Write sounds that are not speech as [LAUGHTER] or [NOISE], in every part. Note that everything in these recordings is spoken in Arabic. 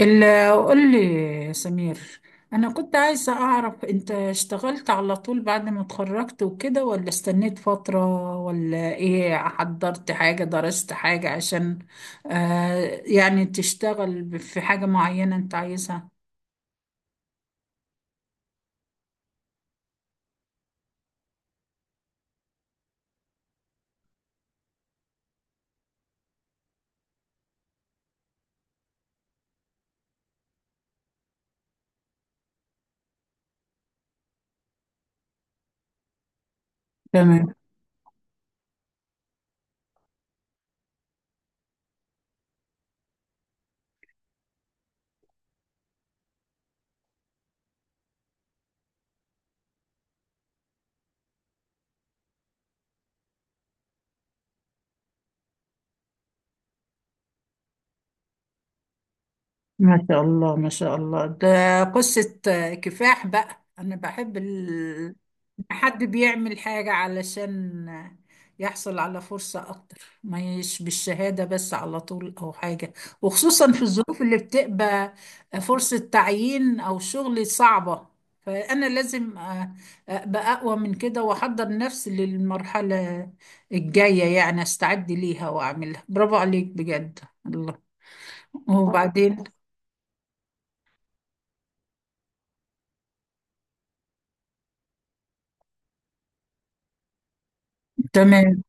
إلا قول لي يا سمير. أنا كنت عايزة أعرف أنت اشتغلت على طول بعد ما اتخرجت وكده، ولا استنيت فترة، ولا إيه، حضرت حاجة، درست حاجة عشان يعني تشتغل في حاجة معينة أنت عايزها؟ تمام. ما شاء الله، ما شاء الله، ده قصة كفاح بقى. أنا بحب حد بيعمل حاجة علشان يحصل على فرصة، أكتر ما يش بالشهادة بس على طول أو حاجة، وخصوصا في الظروف اللي بتبقى فرصة تعيين أو شغل صعبة. فأنا لازم أبقى أقوى من كده وأحضر نفسي للمرحلة الجاية، يعني أستعد ليها وأعملها. برافو عليك بجد. الله. وبعدين؟ تمام.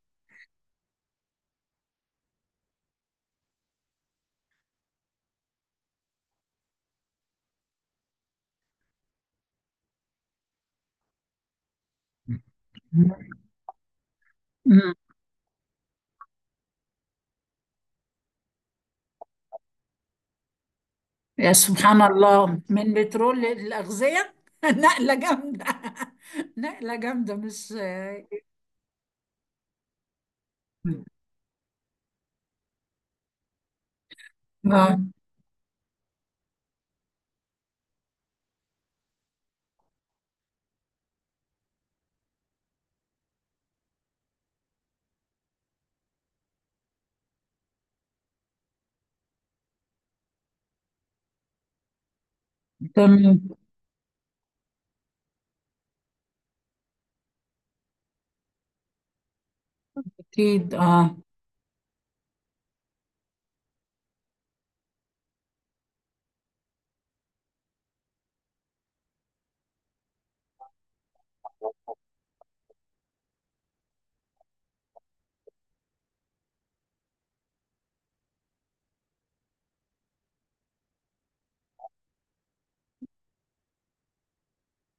يا سبحان الله، من بترول للأغذية [LAUGHS] نقلة جامدة. [LAUGHS] نقلة جامدة، مش تمام. أكيد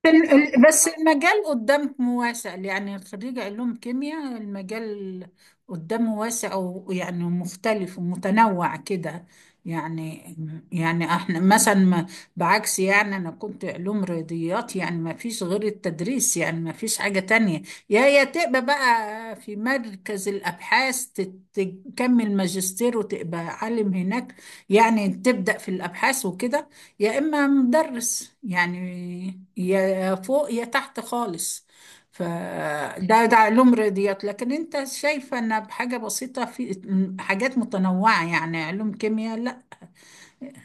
بس المجال قدام واسع، يعني خريج علوم كيمياء المجال قدامه واسع، ويعني مختلف ومتنوع كده يعني. يعني احنا مثلا بعكس، يعني انا كنت علوم رياضيات، يعني ما فيش غير التدريس، يعني ما فيش حاجة تانية، يا تبقى بقى في مركز الابحاث تكمل ماجستير وتبقى عالم هناك، يعني تبدأ في الابحاث وكده، يا إما مدرس يعني، يا فوق يا تحت خالص. فده علوم رياضيات. لكن انت شايفة ان بحاجة بسيطة في حاجات متنوعة، يعني علوم كيمياء، لا،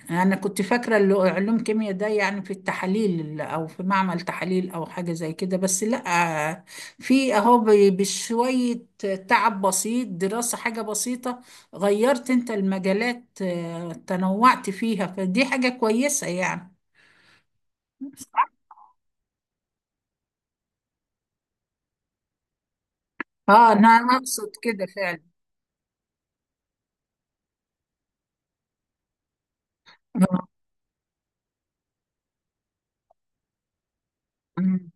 انا كنت فاكرة اللي هو علوم كيمياء ده يعني في التحاليل او في معمل تحاليل او حاجة زي كده، بس لا، في اهو بشوية تعب بسيط، دراسة حاجة بسيطة غيرت انت المجالات تنوعت فيها، فدي حاجة كويسة يعني. اه انا اقصد كده فعلا. آه. أمم.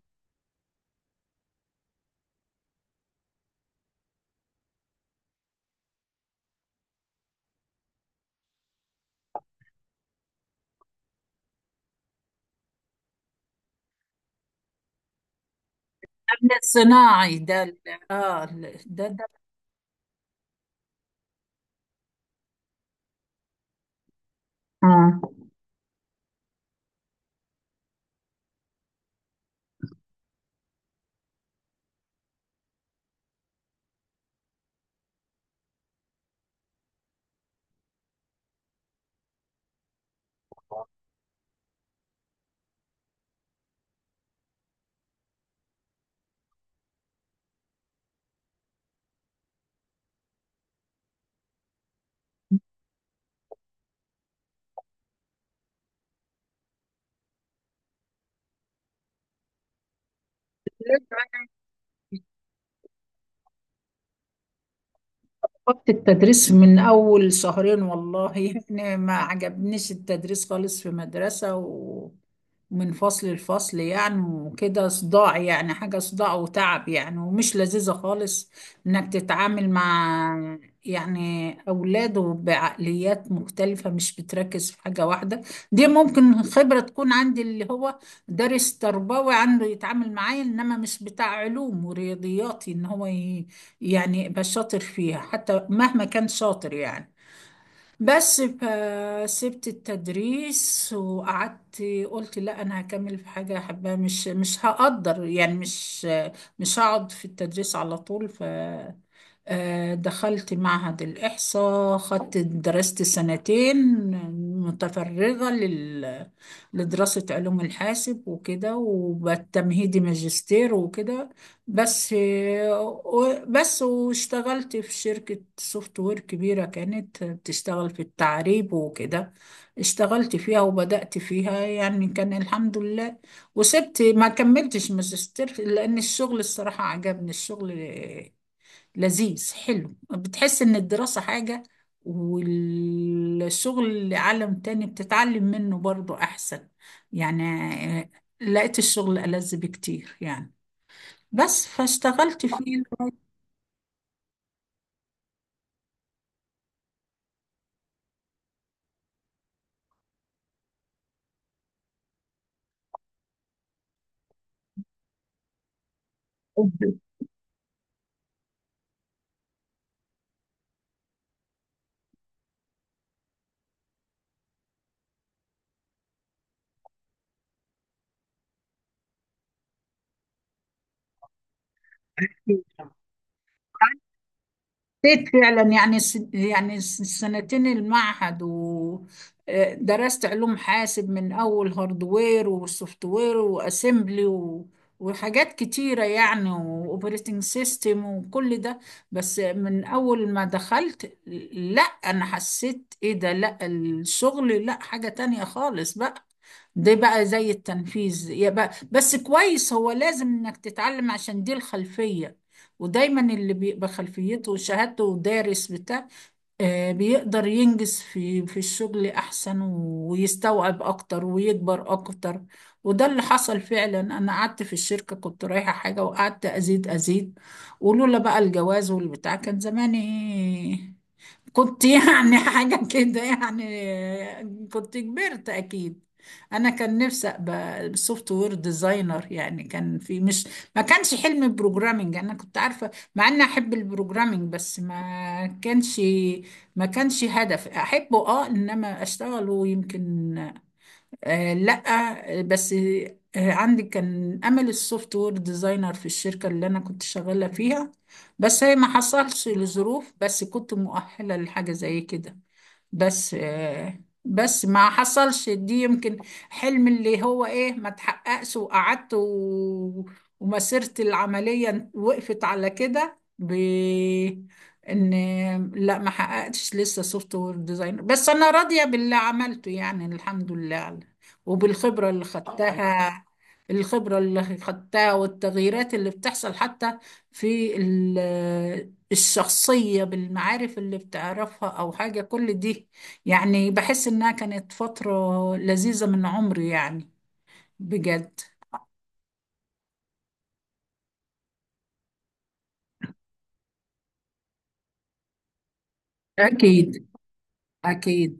النمل الصناعي ده ده. آه. وقت التدريس من أول شهرين والله [LAUGHS] يعني ما عجبنيش التدريس خالص في مدرسة ومن فصل لفصل يعني، وكده صداع، يعني حاجة صداع وتعب يعني، ومش لذيذة خالص إنك تتعامل مع يعني أولاد بعقليات مختلفة، مش بتركز في حاجة واحدة. دي ممكن خبرة تكون عندي اللي هو دارس تربوي عنده يتعامل معايا، إنما مش بتاع علوم ورياضياتي إن هو، يعني بقى شاطر فيها، حتى مهما كان شاطر يعني. بس سبت التدريس وقعدت، قلت لا انا هكمل في حاجه احبها، مش هقدر يعني، مش هقعد في التدريس على طول. ف آه، دخلت معهد الإحصاء، خدت درست سنتين متفرغة لدراسة علوم الحاسب وكده، وبالتمهيدي ماجستير وكده، بس واشتغلت في شركة سوفت وير كبيرة كانت بتشتغل في التعريب وكده، اشتغلت فيها وبدأت فيها، يعني كان الحمد لله. وسبت ما كملتش ماجستير لأن الشغل الصراحة عجبني، الشغل لذيذ حلو، بتحس إن الدراسة حاجة والشغل عالم تاني بتتعلم منه برضو أحسن يعني، لقيت الشغل ألذ بكتير يعني، بس فاشتغلت فيه لغاية حسيت فعلا. يعني السنتين المعهد ودرست علوم حاسب من اول هاردوير وسوفت وير واسمبلي وحاجات كتيره يعني، واوبريتنج سيستم وكل ده. بس من اول ما دخلت، لا انا حسيت ايه ده، لا الشغل لا حاجه تانية خالص بقى. ده بقى زي التنفيذ يا بقى، بس كويس هو، لازم انك تتعلم عشان دي الخلفيه. ودايما اللي بيبقى خلفيته وشهادته ودارس بتاع، بيقدر ينجز في الشغل احسن ويستوعب اكتر ويكبر اكتر. وده اللي حصل فعلا. انا قعدت في الشركة كنت رايحة حاجة، وقعدت ازيد ازيد. ولولا بقى الجواز والبتاع، كان زماني إيه؟ كنت يعني [LAUGHS] حاجة كده يعني، كنت كبرت أكيد. أنا كان نفسي أبقى سوفت وير ديزاينر، يعني كان في مش، ما كانش حلم بروجرامينج، أنا كنت عارفة مع إني أحب البروجرامينج، بس ما كانش هدف أحبه إنما أشتغله يمكن. لا. بس عندي كان امل السوفت وير ديزاينر في الشركه اللي انا كنت شغاله فيها، بس هي ما حصلش لظروف، بس كنت مؤهله لحاجه زي كده. بس ما حصلش دي، يمكن حلم اللي هو ايه ما تحققش، وقعدت ومسيرة العملية وقفت على كده ب ان لا، ما حققتش لسه سوفت وير ديزاينر، بس انا راضية باللي عملته يعني الحمد لله وبالخبرة اللي خدتها. والتغييرات اللي بتحصل حتى في الشخصية، بالمعارف اللي بتعرفها أو حاجة كل دي، يعني بحس إنها كانت فترة لذيذة من عمري يعني، بجد. أكيد. أكيد.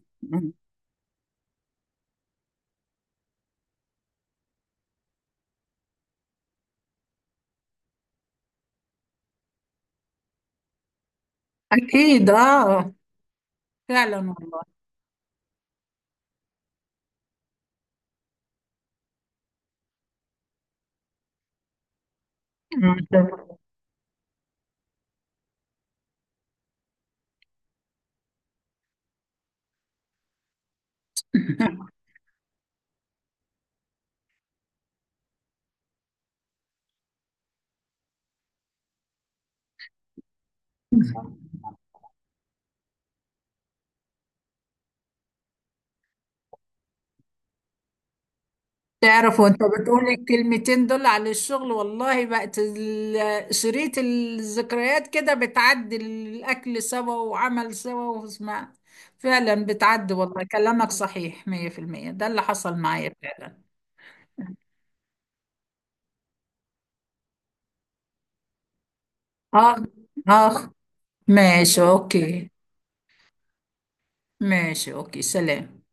أكيد، آه، فعلا والله [LAUGHS] تعرف، وأنت بتقولي الكلمتين دول على الشغل، والله بقت شريط الذكريات كده بتعدي، الأكل سوا وعمل سوا واسمع. فعلا، بتعدي والله، كلامك صحيح 100%، ده اللي حصل معايا فعلا. اخ، اخ، ماشي اوكي. ماشي اوكي، سلام.